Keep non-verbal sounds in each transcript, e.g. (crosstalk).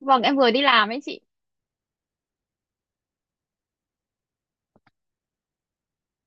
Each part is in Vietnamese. Vâng, em vừa đi làm ấy chị.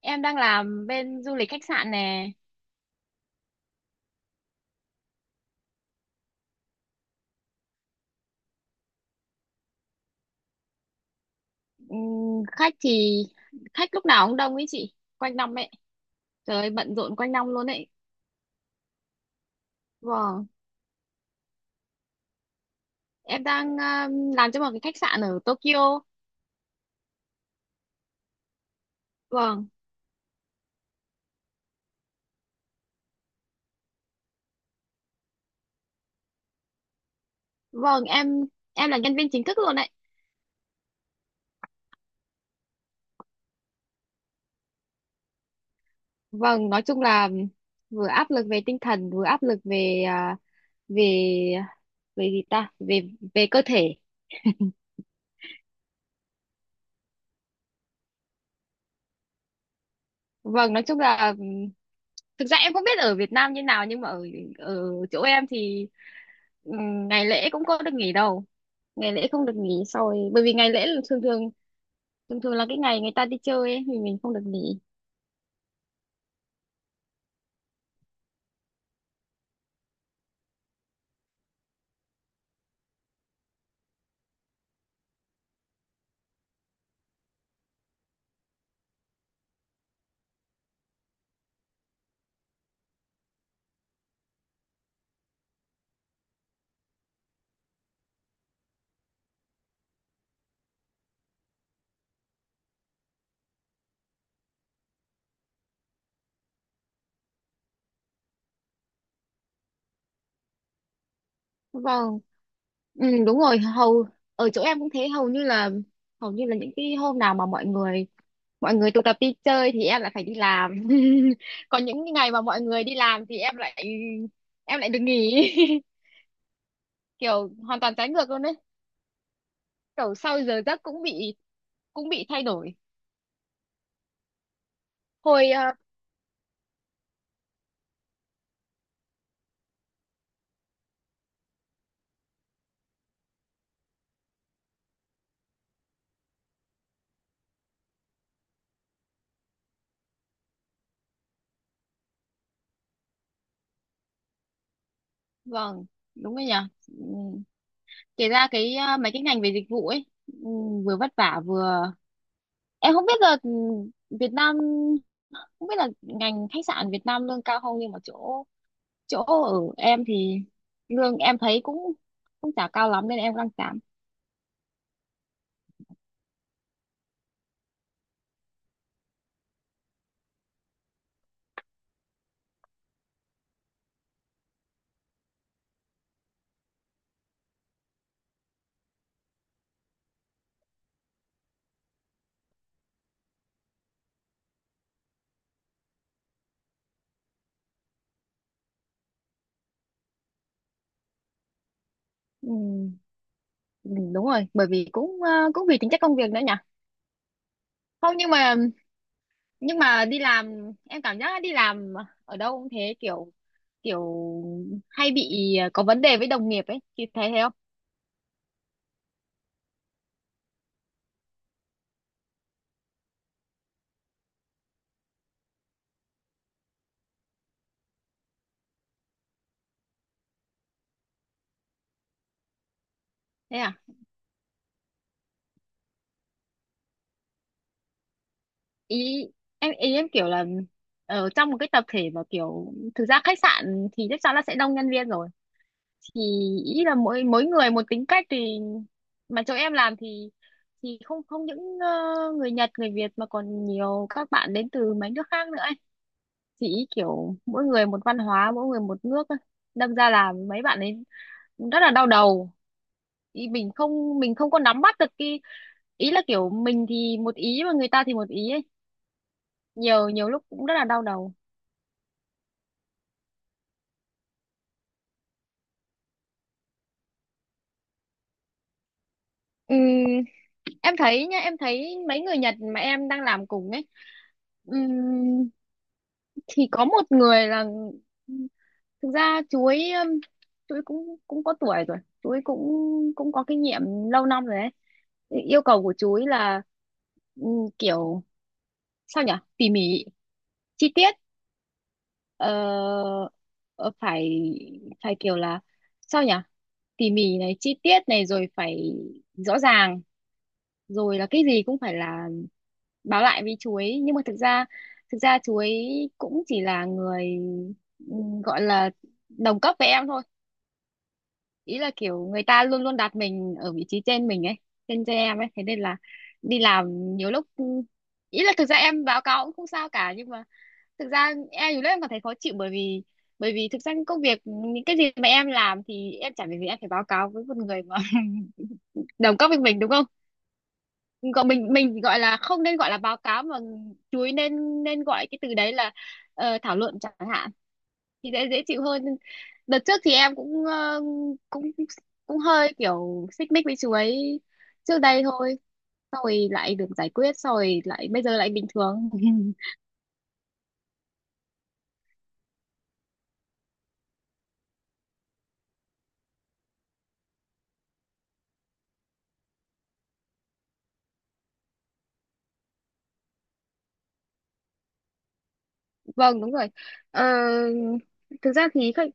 Em đang làm bên du lịch khách sạn nè. Ừm, khách thì khách lúc nào cũng đông ấy chị, quanh năm ấy. Trời ơi, bận rộn quanh năm luôn ấy. Vâng, em đang làm cho một cái khách sạn ở Tokyo. Vâng, vâng, em là nhân viên chính thức luôn ấy. Vâng, nói chung là vừa áp lực về tinh thần, vừa áp lực về về về gì ta, về về cơ thể. Vâng, nói chung là thực ra em không biết ở Việt Nam như nào nhưng mà ở ở chỗ em thì, Ừ, ngày lễ cũng có được nghỉ đâu, ngày lễ không được nghỉ. Sau rồi bởi vì ngày lễ là thường thường là cái ngày người ta đi chơi ấy thì mình không được nghỉ. Vâng, ừ, đúng rồi. Ở chỗ em cũng thế, hầu như là những cái hôm nào mà mọi người tụ tập đi chơi thì em lại phải đi làm. (laughs) Còn những ngày mà mọi người đi làm thì em lại được nghỉ. (laughs) Kiểu hoàn toàn trái ngược luôn đấy. Kiểu sau giờ giấc cũng bị thay đổi. hồi ờ, vâng đúng rồi nhỉ. Ừ. Kể ra cái mấy cái ngành về dịch vụ ấy, vừa vất vả vừa em không biết là, Việt Nam, không biết là ngành khách sạn Việt Nam lương cao không, nhưng mà chỗ chỗ ở em thì lương em thấy cũng cũng chả cao lắm nên em đang giảm. Ừ, ừ, đúng rồi, bởi vì cũng cũng vì tính chất công việc nữa nhỉ. Không, nhưng mà đi làm em cảm giác đi làm ở đâu cũng thế, kiểu kiểu hay bị có vấn đề với đồng nghiệp ấy thì thấy thế không? Thế à? Ý em ý em kiểu là ở trong một cái tập thể mà kiểu thực ra khách sạn thì chắc chắn là sẽ đông nhân viên rồi, thì ý là mỗi mỗi người một tính cách. Thì mà chỗ em làm thì không không những người Nhật, người Việt, mà còn nhiều các bạn đến từ mấy nước khác nữa ấy. Thì ý kiểu mỗi người một văn hóa, mỗi người một nước ấy. Đâm ra là mấy bạn ấy rất là đau đầu. Ý mình không có nắm bắt được cái. Ý là kiểu mình thì một ý mà người ta thì một ý ấy. Nhiều nhiều lúc cũng rất là đau đầu. Ừm, em thấy nha, em thấy mấy người Nhật mà em đang làm cùng ấy, ừm, thì có một người là, thực ra chú ấy cũng cũng có tuổi rồi, chú ấy cũng cũng có kinh nghiệm lâu năm rồi ấy. Thì yêu cầu của chú ấy là kiểu sao nhỉ, tỉ mỉ, chi tiết, ờ, ờ, phải phải kiểu là sao nhỉ, tỉ mỉ này, chi tiết này, rồi phải rõ ràng, rồi là cái gì cũng phải là báo lại với chú ấy. Nhưng mà thực ra chú ấy cũng chỉ là người gọi là đồng cấp với em thôi. Ý là kiểu người ta luôn luôn đặt mình ở vị trí trên mình ấy, trên trên em ấy. Thế nên là đi làm nhiều lúc ý là thực ra em báo cáo cũng không sao cả, nhưng mà thực ra em nhiều lúc em cảm thấy khó chịu bởi vì, thực ra những công việc, những cái gì mà em làm thì em chẳng việc gì em phải báo cáo với một người mà (laughs) đồng cấp với mình đúng không? Gọi mình, gọi là không nên gọi là báo cáo mà chuối, nên nên gọi cái từ đấy là thảo luận chẳng hạn, thì dễ dễ chịu hơn. Đợt trước thì em cũng cũng cũng hơi kiểu xích mích với chuối trước đây thôi. Xong rồi lại được giải quyết, xong rồi lại bây giờ lại bình thường. (laughs) Vâng, đúng rồi. Ờ, Thực ra thì khách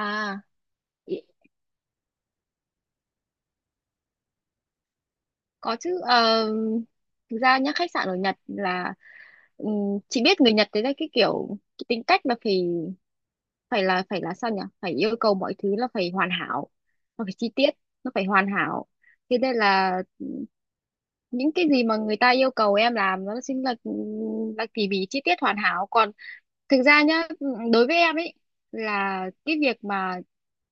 à ý- có chứ. Ờ, Thực ra nhá, khách sạn ở Nhật là, Ừ, chị biết người Nhật đấy là cái kiểu, cái tính cách là phải, phải là sao nhỉ, phải yêu cầu mọi thứ là phải hoàn hảo, nó phải chi tiết, nó phải hoàn hảo. Thế nên là những cái gì mà người ta yêu cầu em làm nó chính là tỉ mỉ, chi tiết, hoàn hảo. Còn, thực ra nhá, đối với em ấy là cái việc mà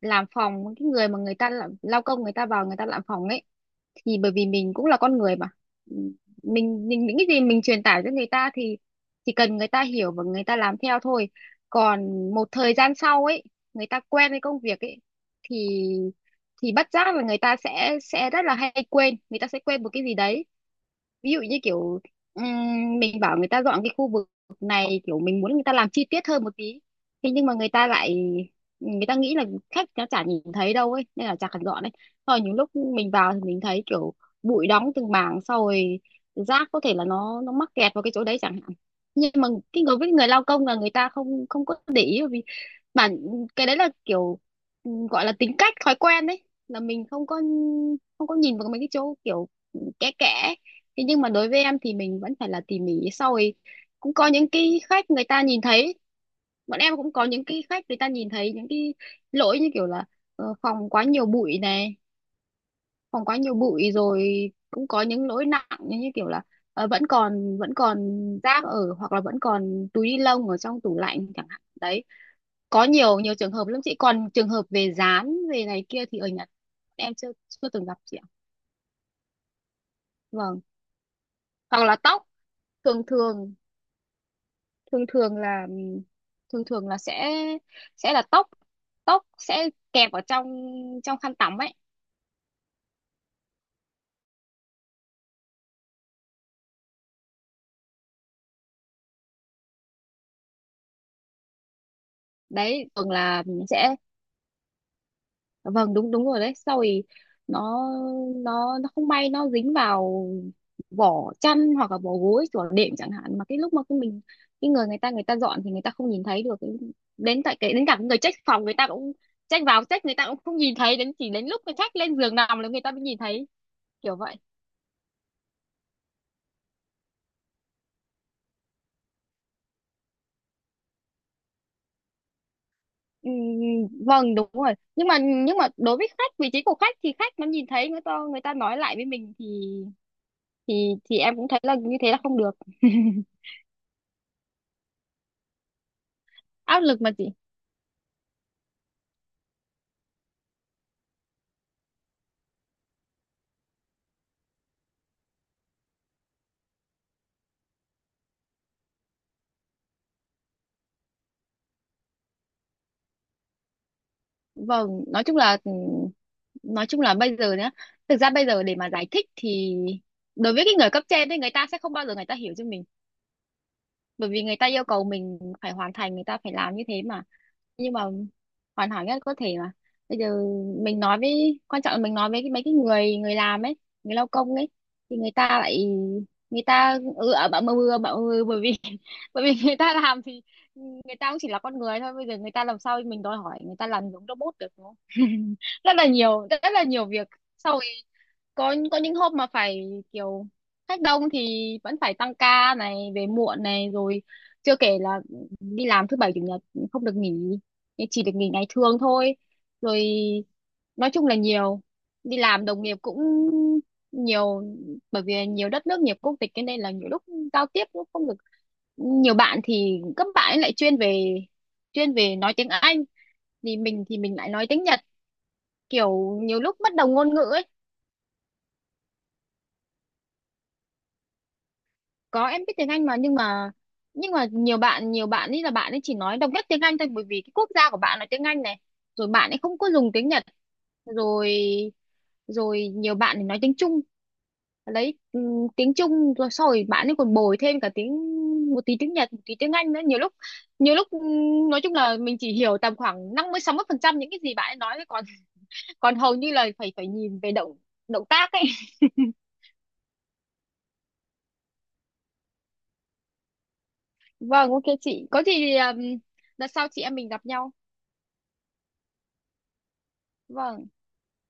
làm phòng, cái người mà người ta làm, lao công người ta vào người ta làm phòng ấy, thì bởi vì mình cũng là con người mà. Ừ, mình những cái gì mình truyền tải cho người ta thì chỉ cần người ta hiểu và người ta làm theo thôi. Còn một thời gian sau ấy người ta quen với công việc ấy thì, bất giác là người ta sẽ rất là hay quên, người ta sẽ quên một cái gì đấy. Ví dụ như kiểu mình bảo người ta dọn cái khu vực này, kiểu mình muốn người ta làm chi tiết hơn một tí, thế nhưng mà người ta nghĩ là khách nó chả nhìn thấy đâu ấy nên là chả cần dọn đấy. Rồi những lúc mình vào thì mình thấy kiểu bụi đóng từng mảng, sau rồi rác có thể là nó mắc kẹt vào cái chỗ đấy chẳng hạn. Nhưng mà cái người, với người lao công, là người ta không không có để ý, bởi vì bản cái đấy là kiểu, gọi là tính cách thói quen đấy, là mình không có nhìn vào mấy cái chỗ kiểu kẽ kẽ Thế nhưng mà đối với em thì mình vẫn phải là tỉ mỉ. Sau rồi cũng có những cái khách người ta nhìn thấy, bọn em cũng có những cái khách người ta nhìn thấy những cái lỗi như kiểu là phòng quá nhiều bụi này, phòng quá nhiều bụi. Rồi cũng có những lỗi nặng như như kiểu là vẫn còn rác, ở hoặc là vẫn còn túi ni lông ở trong tủ lạnh chẳng hạn đấy. Có nhiều nhiều trường hợp lắm chị. Còn trường hợp về dán, về này kia thì ở Nhật em chưa chưa từng gặp chị ạ. Vâng, hoặc là tóc. Thường thường thường thường là thường thường là sẽ là tóc tóc sẽ kẹp ở trong trong khăn tắm ấy. Đấy thường là sẽ. Vâng, đúng đúng rồi đấy. Sau rồi nó nó không may nó dính vào vỏ chăn hoặc là vỏ gối của đệm chẳng hạn. Mà cái lúc mà cái mình cái người người ta dọn thì người ta không nhìn thấy được, đến tại cái, đến cả người check phòng người ta cũng check vào check người ta cũng không nhìn thấy, đến chỉ đến lúc người khách lên giường nằm là người ta mới nhìn thấy, kiểu vậy. Ừ, vâng, đúng rồi. Nhưng mà đối với khách, vị trí của khách thì khách nó nhìn thấy, người ta nói lại với mình thì, em cũng thấy là như thế là không được. (laughs) Áp lực mà chị. Vâng, nói chung là bây giờ nhá, thực ra bây giờ để mà giải thích thì đối với cái người cấp trên thì người ta sẽ không bao giờ người ta hiểu cho mình. Bởi vì người ta yêu cầu mình phải hoàn thành, người ta phải làm như thế mà, nhưng mà hoàn hảo nhất có thể mà. Bây giờ mình nói với, quan trọng là mình nói với mấy cái người người làm ấy, người lao công ấy, thì người ta ừ ở bảo mơ mưa, bảo mưa, bởi vì (laughs) bởi vì người ta làm thì người ta cũng chỉ là con người thôi. Bây giờ người ta làm sao mình đòi hỏi người ta làm giống robot được, đúng không? (laughs) Rất là nhiều, rất là nhiều việc. Sau có những hôm mà phải kiểu khách đông thì vẫn phải tăng ca này, về muộn này, rồi chưa kể là đi làm thứ bảy chủ nhật không được nghỉ, chỉ được nghỉ ngày thường thôi. Rồi nói chung là nhiều. Đi làm đồng nghiệp cũng nhiều, bởi vì nhiều đất nước, nhiều quốc tịch, nên đây là nhiều lúc giao tiếp cũng không được. Nhiều bạn thì các bạn ấy lại chuyên về nói tiếng Anh, thì mình lại nói tiếng Nhật, kiểu nhiều lúc bất đồng ngôn ngữ ấy. Có, em biết tiếng Anh mà, nhưng mà nhiều bạn ấy là bạn ấy chỉ nói độc nhất tiếng Anh thôi, bởi vì cái quốc gia của bạn là tiếng Anh này, rồi bạn ấy không có dùng tiếng Nhật. Rồi rồi nhiều bạn thì nói tiếng Trung, lấy tiếng Trung, rồi sau rồi bạn ấy còn bồi thêm cả tiếng, một tí tiếng Nhật, một tí tiếng Anh nữa. Nhiều lúc nói chung là mình chỉ hiểu tầm khoảng 50-60% những cái gì bạn ấy nói thôi, còn còn hầu như là phải phải nhìn về động động tác ấy. (laughs) Vâng, ok chị. Có gì thì đợt sau chị em mình gặp nhau. Vâng.